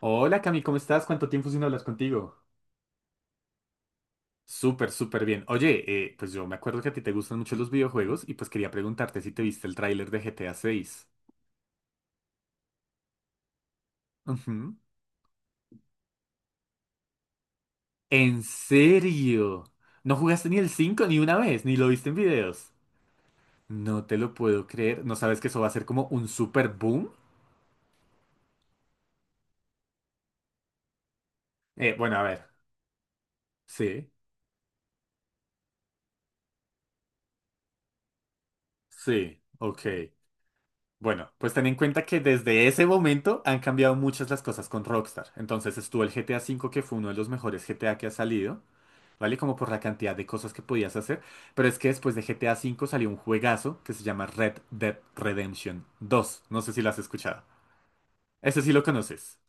Hola Cami, ¿cómo estás? ¿Cuánto tiempo sin hablas contigo? Súper, súper bien. Oye, pues yo me acuerdo que a ti te gustan mucho los videojuegos y pues quería preguntarte si te viste el tráiler de GTA 6. Ujú. ¿En serio? ¿No jugaste ni el 5 ni una vez? ¿Ni lo viste en videos? No te lo puedo creer. ¿No sabes que eso va a ser como un super boom? Bueno, a ver. Sí, sí, ok. Bueno, pues ten en cuenta que desde ese momento han cambiado muchas las cosas con Rockstar. Entonces estuvo el GTA V, que fue uno de los mejores GTA que ha salido. ¿Vale? Como por la cantidad de cosas que podías hacer. Pero es que después de GTA V salió un juegazo que se llama Red Dead Redemption 2. No sé si lo has escuchado. Ese sí lo conoces.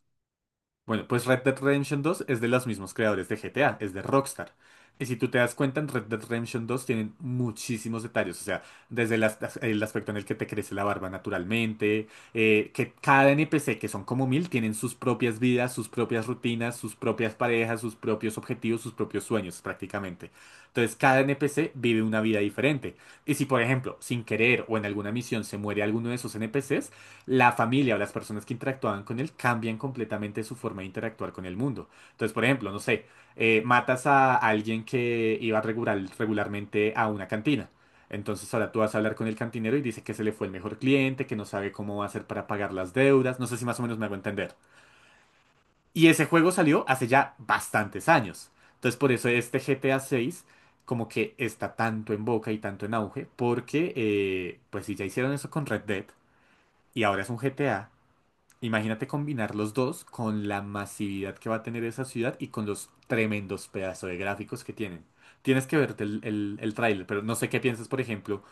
Bueno, pues Red Dead Redemption dos es de los mismos creadores de GTA, es de Rockstar. Y si tú te das cuenta, en Red Dead Redemption dos tienen muchísimos detalles, o sea, desde el aspecto en el que te crece la barba naturalmente, que cada NPC, que son como mil, tienen sus propias vidas, sus propias rutinas, sus propias parejas, sus propios objetivos, sus propios sueños prácticamente. Entonces, cada NPC vive una vida diferente. Y si, por ejemplo, sin querer o en alguna misión se muere alguno de esos NPCs, la familia o las personas que interactuaban con él cambian completamente su forma de interactuar con el mundo. Entonces, por ejemplo, no sé, matas a alguien que iba regularmente a una cantina. Entonces ahora tú vas a hablar con el cantinero y dice que se le fue el mejor cliente, que no sabe cómo va a hacer para pagar las deudas. No sé si más o menos me hago entender. Y ese juego salió hace ya bastantes años. Entonces por eso este GTA 6 como que está tanto en boca y tanto en auge, porque pues si ya hicieron eso con Red Dead y ahora es un GTA, imagínate combinar los dos con la masividad que va a tener esa ciudad y con los tremendos pedazos de gráficos que tienen. Tienes que verte el tráiler, pero no sé qué piensas, por ejemplo,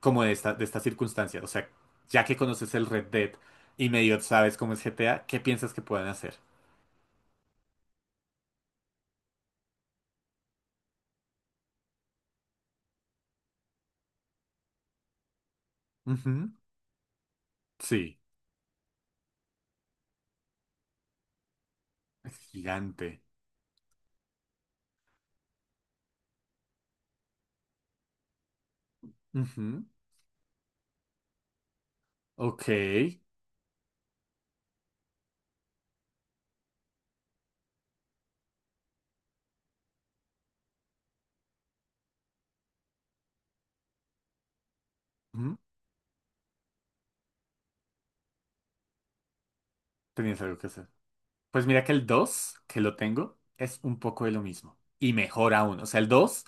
como de esta circunstancia. O sea, ya que conoces el Red Dead y medio sabes cómo es GTA, ¿qué piensas que puedan hacer? Ujú. Sí, es gigante. Ujú. Ok. Ujú. Tenías algo que hacer. Pues mira que el 2 que lo tengo, es un poco de lo mismo. Y mejor aún. O sea, el 2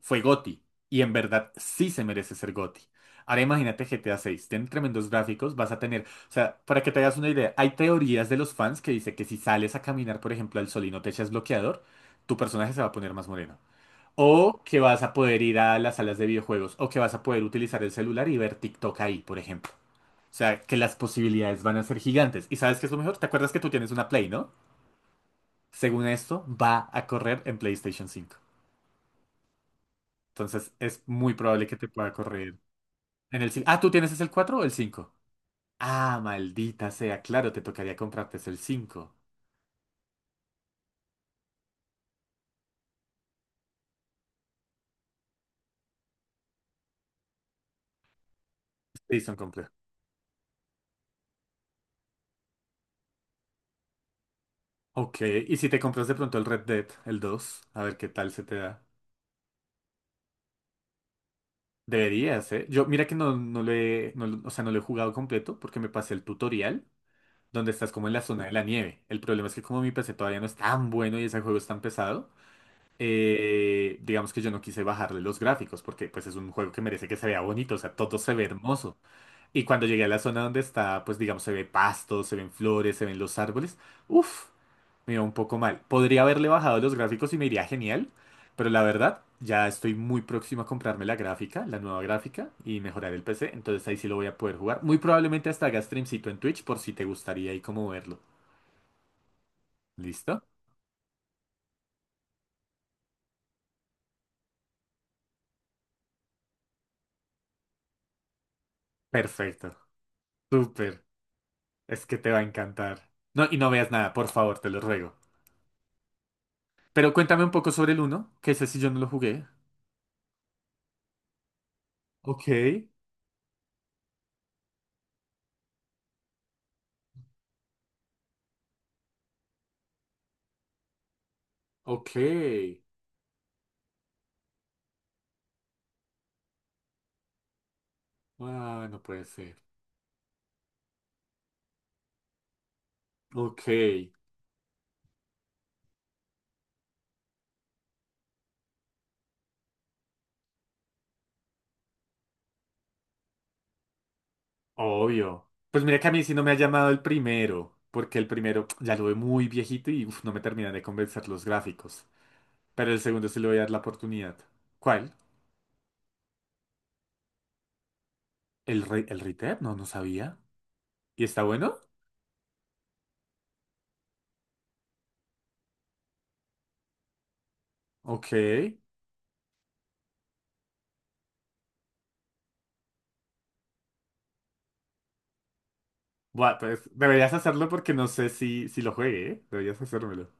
fue GOTY. Y en verdad sí se merece ser GOTY. Ahora imagínate GTA 6. Tiene tremendos gráficos. Vas a tener. O sea, para que te hagas una idea, hay teorías de los fans que dice que si sales a caminar, por ejemplo, al sol y no te echas bloqueador, tu personaje se va a poner más moreno. O que vas a poder ir a las salas de videojuegos. O que vas a poder utilizar el celular y ver TikTok ahí, por ejemplo. O sea, que las posibilidades van a ser gigantes. ¿Y sabes qué es lo mejor? ¿Te acuerdas que tú tienes una Play, no? Según esto, va a correr en PlayStation 5. Entonces es muy probable que te pueda correr en el 5. Ah, ¿tú tienes es el 4 o el 5? Ah, maldita sea, claro, te tocaría comprarte es el 5. Sí, son complejos. Ok, y si te compras de pronto el Red Dead, el 2, a ver qué tal se te da. Deberías, ¿eh? Yo, mira que no, no lo he, no lo- o sea, no lo he jugado completo porque me pasé el tutorial donde estás como en la zona de la nieve. El problema es que como mi PC todavía no es tan bueno y ese juego es tan pesado, digamos que yo no quise bajarle los gráficos porque pues es un juego que merece que se vea bonito, o sea, todo se ve hermoso. Y cuando llegué a la zona donde está, pues digamos, se ve pasto, se ven flores, se ven los árboles, uff, me iba un poco mal. Podría haberle bajado los gráficos y me iría genial, pero la verdad, ya estoy muy próximo a comprarme la gráfica, la nueva gráfica y mejorar el PC, entonces ahí sí lo voy a poder jugar. Muy probablemente hasta haga streamcito en Twitch por si te gustaría ahí como verlo. ¿Listo? Perfecto. Súper. Es que te va a encantar. No, y no veas nada, por favor, te lo ruego. Pero cuéntame un poco sobre el uno que ese sí yo no lo jugué. Ok, ok. Ah, no puede ser. Ok, obvio. Pues mira que a mí sí no me ha llamado el primero, porque el primero ya lo ve muy viejito y uf, no me terminan de convencer los gráficos. Pero el segundo sí le voy a dar la oportunidad. ¿Cuál? ¿El rey el Red? No, no sabía. ¿Y está bueno? Ok. Buah, pues deberías hacerlo porque no sé si, si lo juegue, ¿eh? Deberías hacérmelo.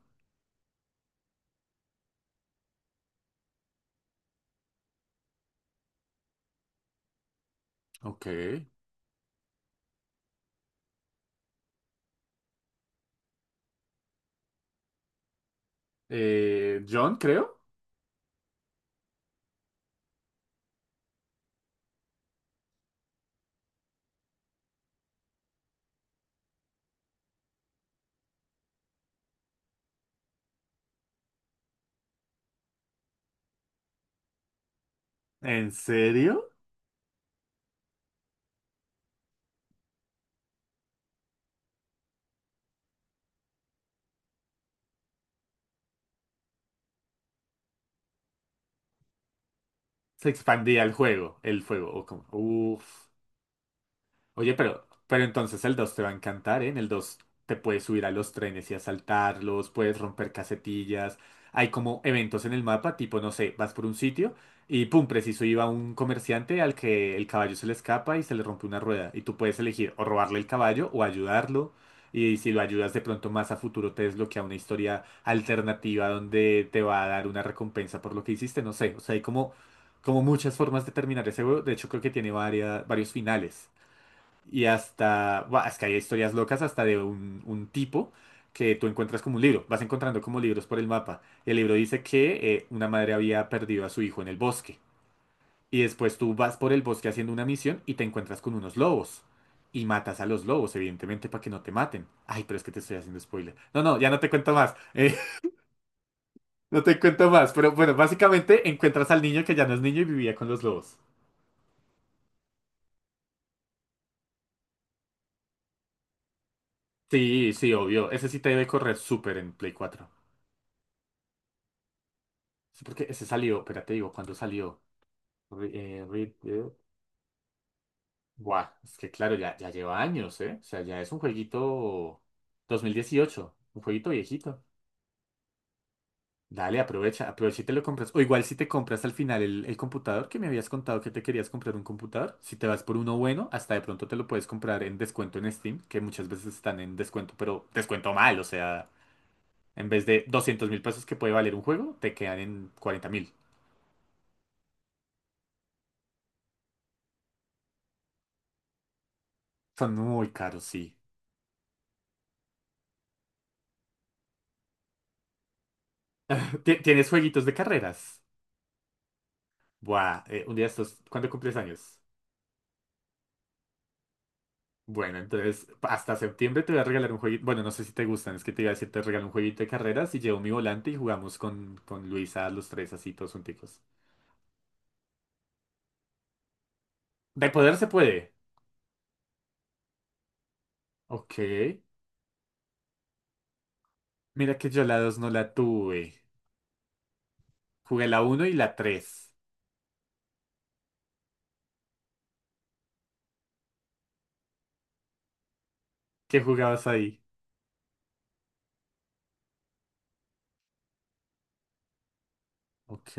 Ok. John, creo. ¿En serio? Se expandía el juego, el fuego. Uf. Oye, pero entonces el 2 te va a encantar, ¿eh? En el 2 te puedes subir a los trenes y asaltarlos, puedes romper casetillas. Hay como eventos en el mapa, tipo, no sé, vas por un sitio y pum, preciso iba un comerciante al que el caballo se le escapa y se le rompe una rueda. Y tú puedes elegir o robarle el caballo o ayudarlo. Y si lo ayudas de pronto más a futuro te desbloquea una historia alternativa donde te va a dar una recompensa por lo que hiciste, no sé. O sea, hay como, como muchas formas de terminar ese juego. De hecho, creo que tiene varios finales. Y hasta, buah, es que hay historias locas hasta de un tipo que tú encuentras como un libro, vas encontrando como libros por el mapa. El libro dice que una madre había perdido a su hijo en el bosque. Y después tú vas por el bosque haciendo una misión y te encuentras con unos lobos. Y matas a los lobos, evidentemente, para que no te maten. Ay, pero es que te estoy haciendo spoiler. No, no, ya no te cuento más. No te cuento más. Pero bueno, básicamente encuentras al niño que ya no es niño y vivía con los lobos. Sí, sí, obvio. Ese sí te debe correr súper en Play cuatro. Sí, porque ese salió, espérate, te digo, ¿cuándo salió? Re- Red Dead. Buah, es que claro, ya, ya lleva años, ¿eh? O sea, ya es un jueguito 2018, un jueguito viejito. Dale, aprovecha, aprovecha y te lo compras. O igual si te compras al final el computador, que me habías contado que te querías comprar un computador, si te vas por uno bueno, hasta de pronto te lo puedes comprar en descuento en Steam, que muchas veces están en descuento, pero descuento mal, o sea, en vez de 200.000 pesos que puede valer un juego, te quedan en 40.000. Son muy caros, sí. ¿Tienes jueguitos de carreras? Buah, un día de estos, ¿cuándo cumples años? Bueno, entonces hasta septiembre te voy a regalar un jueguito. Bueno, no sé si te gustan, es que te iba a decir, te regalo un jueguito de carreras y llevo mi volante y jugamos con Luisa, los tres así, todos junticos. De poder se puede. Ok. Mira que yo la 2 no la tuve. Jugué la uno y la tres. ¿Qué jugabas ahí? Ok,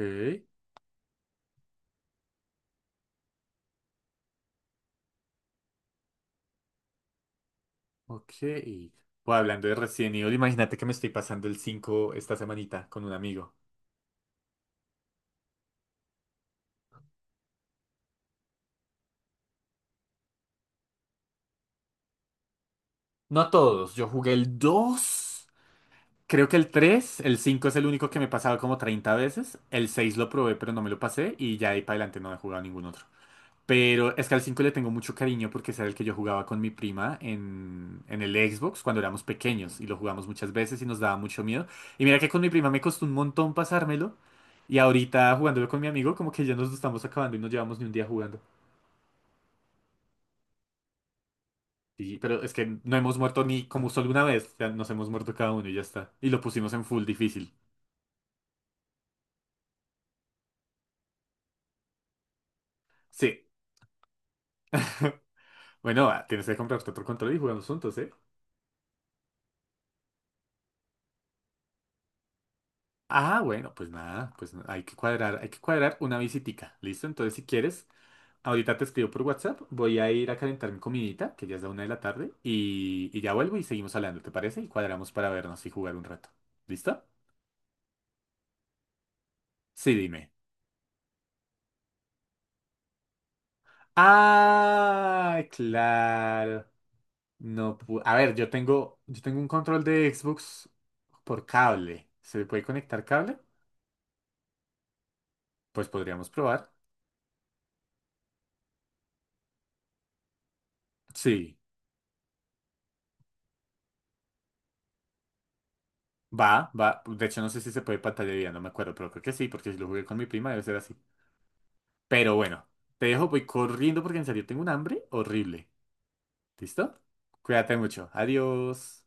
ok. Pues hablando de Resident Evil, imagínate que me estoy pasando el 5 esta semanita con un amigo. No todos, yo jugué el 2. Creo que el 3 el 5 es el único que me he pasado como 30 veces. El 6 lo probé, pero no me lo pasé. Y ya de ahí para adelante no he jugado ningún otro. Pero es que al 5 le tengo mucho cariño porque ese era el que yo jugaba con mi prima en el Xbox cuando éramos pequeños. Y lo jugamos muchas veces y nos daba mucho miedo. Y mira que con mi prima me costó un montón pasármelo. Y ahorita jugándolo con mi amigo, como que ya nos lo estamos acabando y no llevamos ni un día jugando. Sí, pero es que no hemos muerto ni como solo una vez. Ya nos hemos muerto cada uno y ya está. Y lo pusimos en full difícil. Sí. Bueno, ah, tienes que comprar otro control y jugamos juntos, ¿eh? Ah, bueno, pues nada, hay que cuadrar una visitica, ¿listo? Entonces, si quieres, ahorita te escribo por WhatsApp, voy a ir a calentar mi comidita, que ya es la una de la tarde, y ya vuelvo y seguimos hablando, ¿te parece? Y cuadramos para vernos y jugar un rato, ¿listo? Sí, dime. Ah, claro. No, a ver, yo tengo un control de Xbox por cable. ¿Se le puede conectar cable? Pues podríamos probar. Sí. Va, va. De hecho, no sé si se puede pantalla dividida, no me acuerdo, pero creo que sí, porque si lo jugué con mi prima debe ser así. Pero bueno, te dejo, voy corriendo porque en serio tengo un hambre horrible. ¿Listo? Cuídate mucho. Adiós.